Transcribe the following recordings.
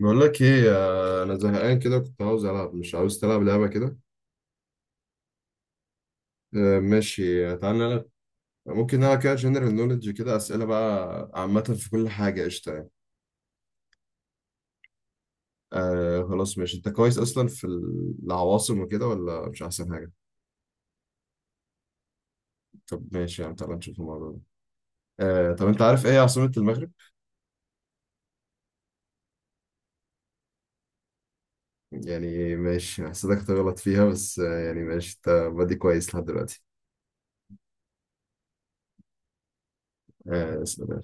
بقول لك ايه، انا زهقان كده، كنت عاوز العب. مش عاوز تلعب لعبه كده؟ ماشي. تعالى نلعب. ممكن نلعب كده جنرال نوليدج، كده اسئله بقى عامه في كل حاجه قشطه يعني. آه خلاص ماشي، انت كويس اصلا في العواصم وكده ولا؟ مش احسن حاجه؟ طب ماشي يعني، تعالى نشوف الموضوع ده. آه طب انت عارف ايه عاصمه المغرب؟ يعني ماشي، حسيتك هتغلط فيها بس يعني ماشي، انت بادي كويس لحد دلوقتي. آه اسأل.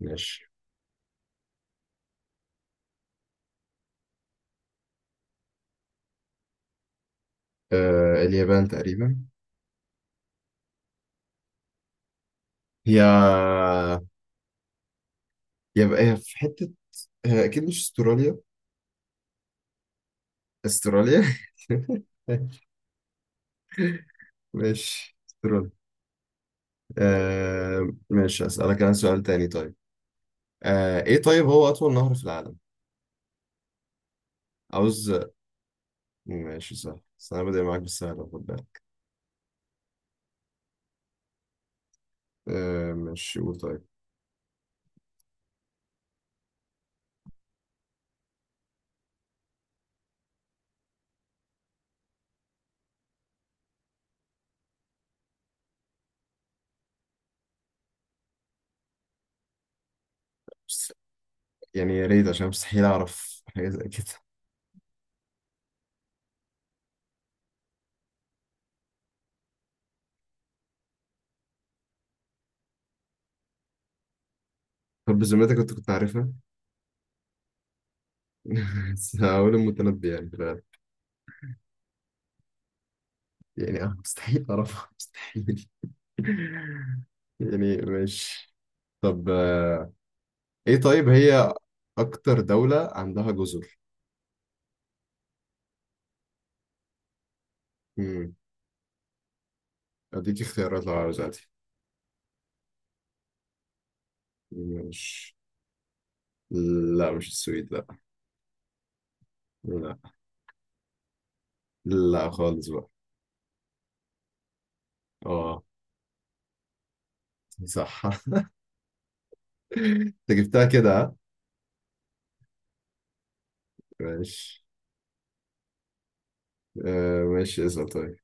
ماشي. آه اليابان تقريبا. هي يبقى هي في حتة، هي أكيد مش استراليا. استراليا. ماشي استراليا. آه ماشي، أسألك أنا سؤال تاني طيب. آه إيه طيب، هو أطول نهر في العالم؟ عاوز. ماشي سهل، بس أنا بادئ معاك بالسهل، خد بالك. آه ماشي، قول طيب. بس يعني يا ريت، عشان مستحيل أعرف حاجة زي كده. طب بذمتك أنت كنت عارفها؟ بس هقول المتنبي يعني في الغالب. يعني مستحيل أعرفها، مستحيل. يعني ماشي. طب ايه طيب، هي اكتر دولة عندها جزر؟ امم اديك اختيارات لو عاوز عادي؟ مش. لا مش السويد، لا. لا لا خالص بقى. اه صح. انت جبتها كده ها؟ ماشي. آه ماشي اسأل طيب.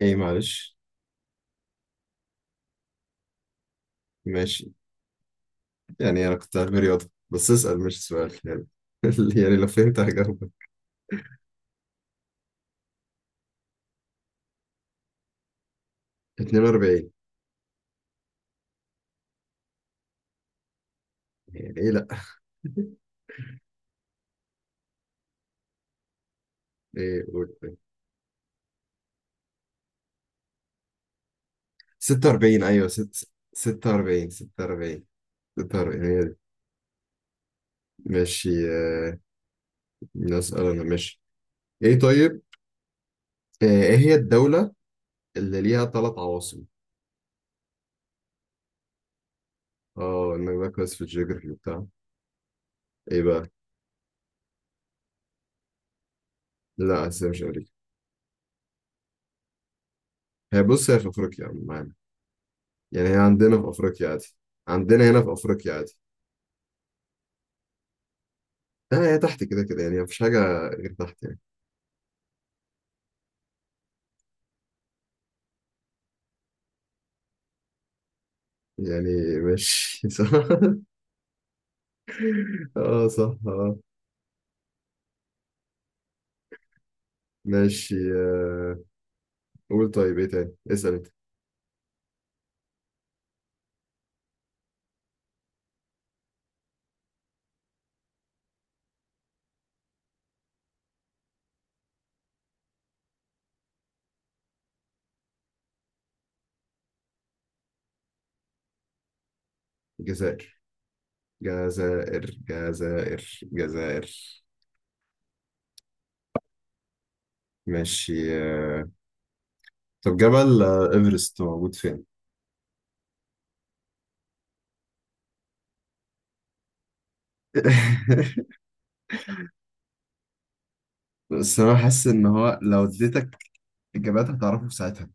ايه معلش. ماشي يعني، انا كنت عارف رياضة بس، اسأل مش سؤال يعني. يعني لو فهمت هجاوبك. 42. يعني ايه لا. ايه قول طيب. 46 ايوه، 46. 46. ماشي نسأل. أنا ماشي. إيه طيب؟ إيه هي الدولة اللي ليها ثلاث عواصم؟ آه إنك بقى كويس في الجيوغرافي وبتاع. إيه بقى؟ لا آسيا، مش أمريكا. هي بص، هي في أفريقيا معانا. يعني هي عندنا في أفريقيا عادي. عندنا هنا في أفريقيا عادي. لا هي تحت كده كده، يعني مفيش حاجة غير تحت يعني. يعني ماشي. صح. آه صح آه. ماشي قول طيب، إيه تاني؟ اسأل أنت. الجزائر. جزائر جزائر. ماشي. آه، طب جبل إيفرست موجود فين؟ بس انا حاسس ان هو لو اديتك اجابات هتعرفه في ساعتها.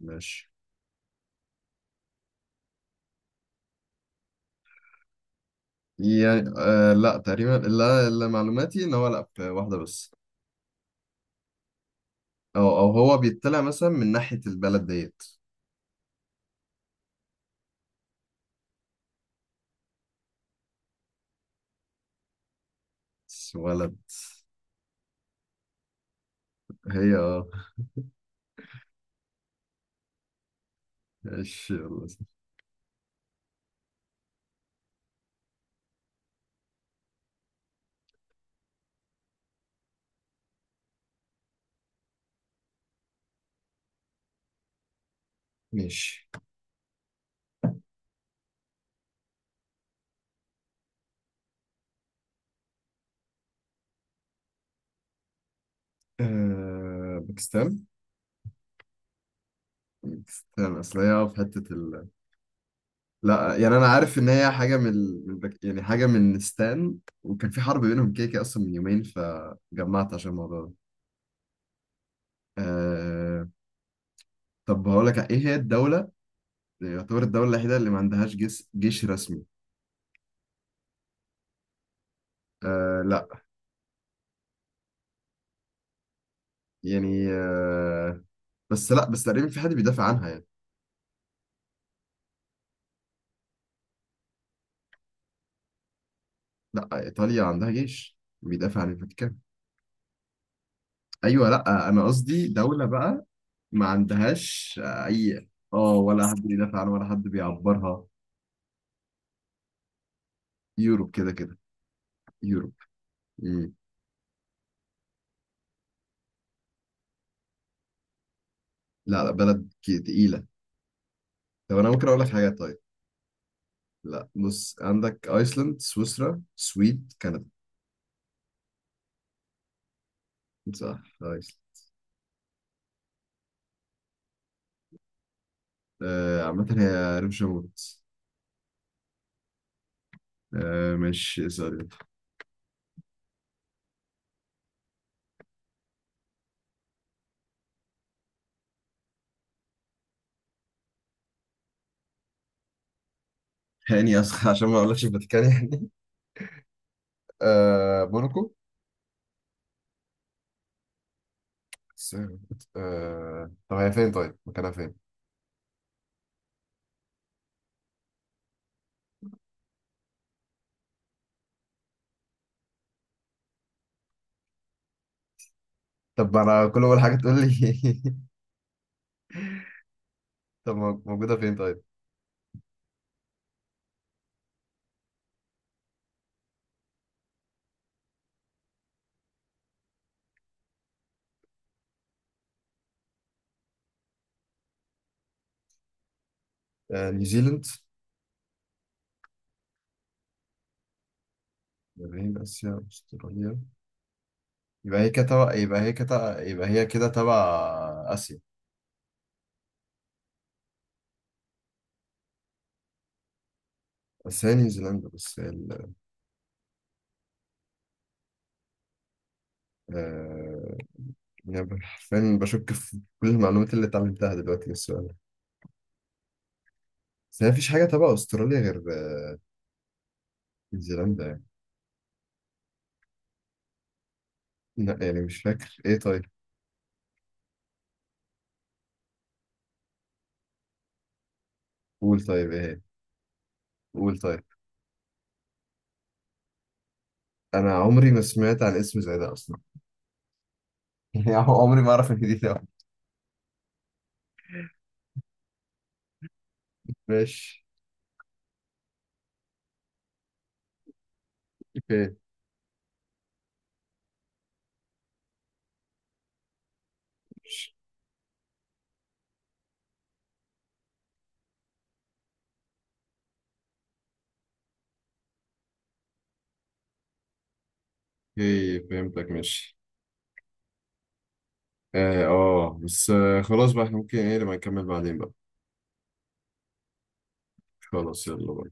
ماشي. يعني آه لا، تقريبا لا. اللي معلوماتي ان هو لا، في واحده بس. او او هو بيطلع مثلا من ناحيه البلد ديت بس ولد. هي اه. ماشي يلا. ماشي. آه باكستان. باكستان اصل هي في حته. لا يعني انا عارف ان هي حاجه من يعني حاجه من ستان، وكان في حرب بينهم كده كده اصلا من يومين، فجمعت عشان الموضوع ده. آه... طب هقول لك، ايه هي الدوله يعتبر الدوله الوحيده اللي ما عندهاش جيش رسمي؟ لا. يعني بس لا، بس تقريبا في حد بيدافع عنها يعني. لا ايطاليا عندها جيش بيدافع عن الفاتيكان. ايوه لا، انا قصدي دوله بقى ما عندهاش اي. اه، ولا حد بيدافع عنها ولا حد بيعبرها. يوروب كده كده. يوروب. لا لا، بلد تقيلة. طب أنا ممكن أقول لك حاجات طيب؟ لا بص، عندك أيسلند، سويسرا، سويد، كندا. صح أيسلند. عامة هي ريف شموت. مش سوري. هاني أسخ عشان ما أقولكش الفاتيكان يعني. موناكو. س- طب هي فين طيب، مكانها فين؟ طب أنا كل أول حاجة تقول لي. طب موجودة فين طيب؟ نيوزيلند. يابان، آسيا، أستراليا. يبقى هي كده يبقى هي كده تبع آسيا. بس هي نيوزيلندا بس ال... آه... يعني حرفيا بشك في كل المعلومات اللي اتعلمتها دلوقتي من السؤال ده. بس هي مفيش حاجة تبع أستراليا غير نيوزيلندا يعني. لا يعني مش فاكر. إيه طيب؟ قول طيب، إيه هي؟ قول طيب. أنا عمري ما سمعت عن اسم زي ده أصلا. يعني عمري ما أعرف إن دي ده. ماشي. أوكي. ماشي. أوكي فهمتك، ماشي. بس آه خلاص بقى، إحنا ممكن إيه لما نكمل بعدين بقى. خلاص يلا بقى.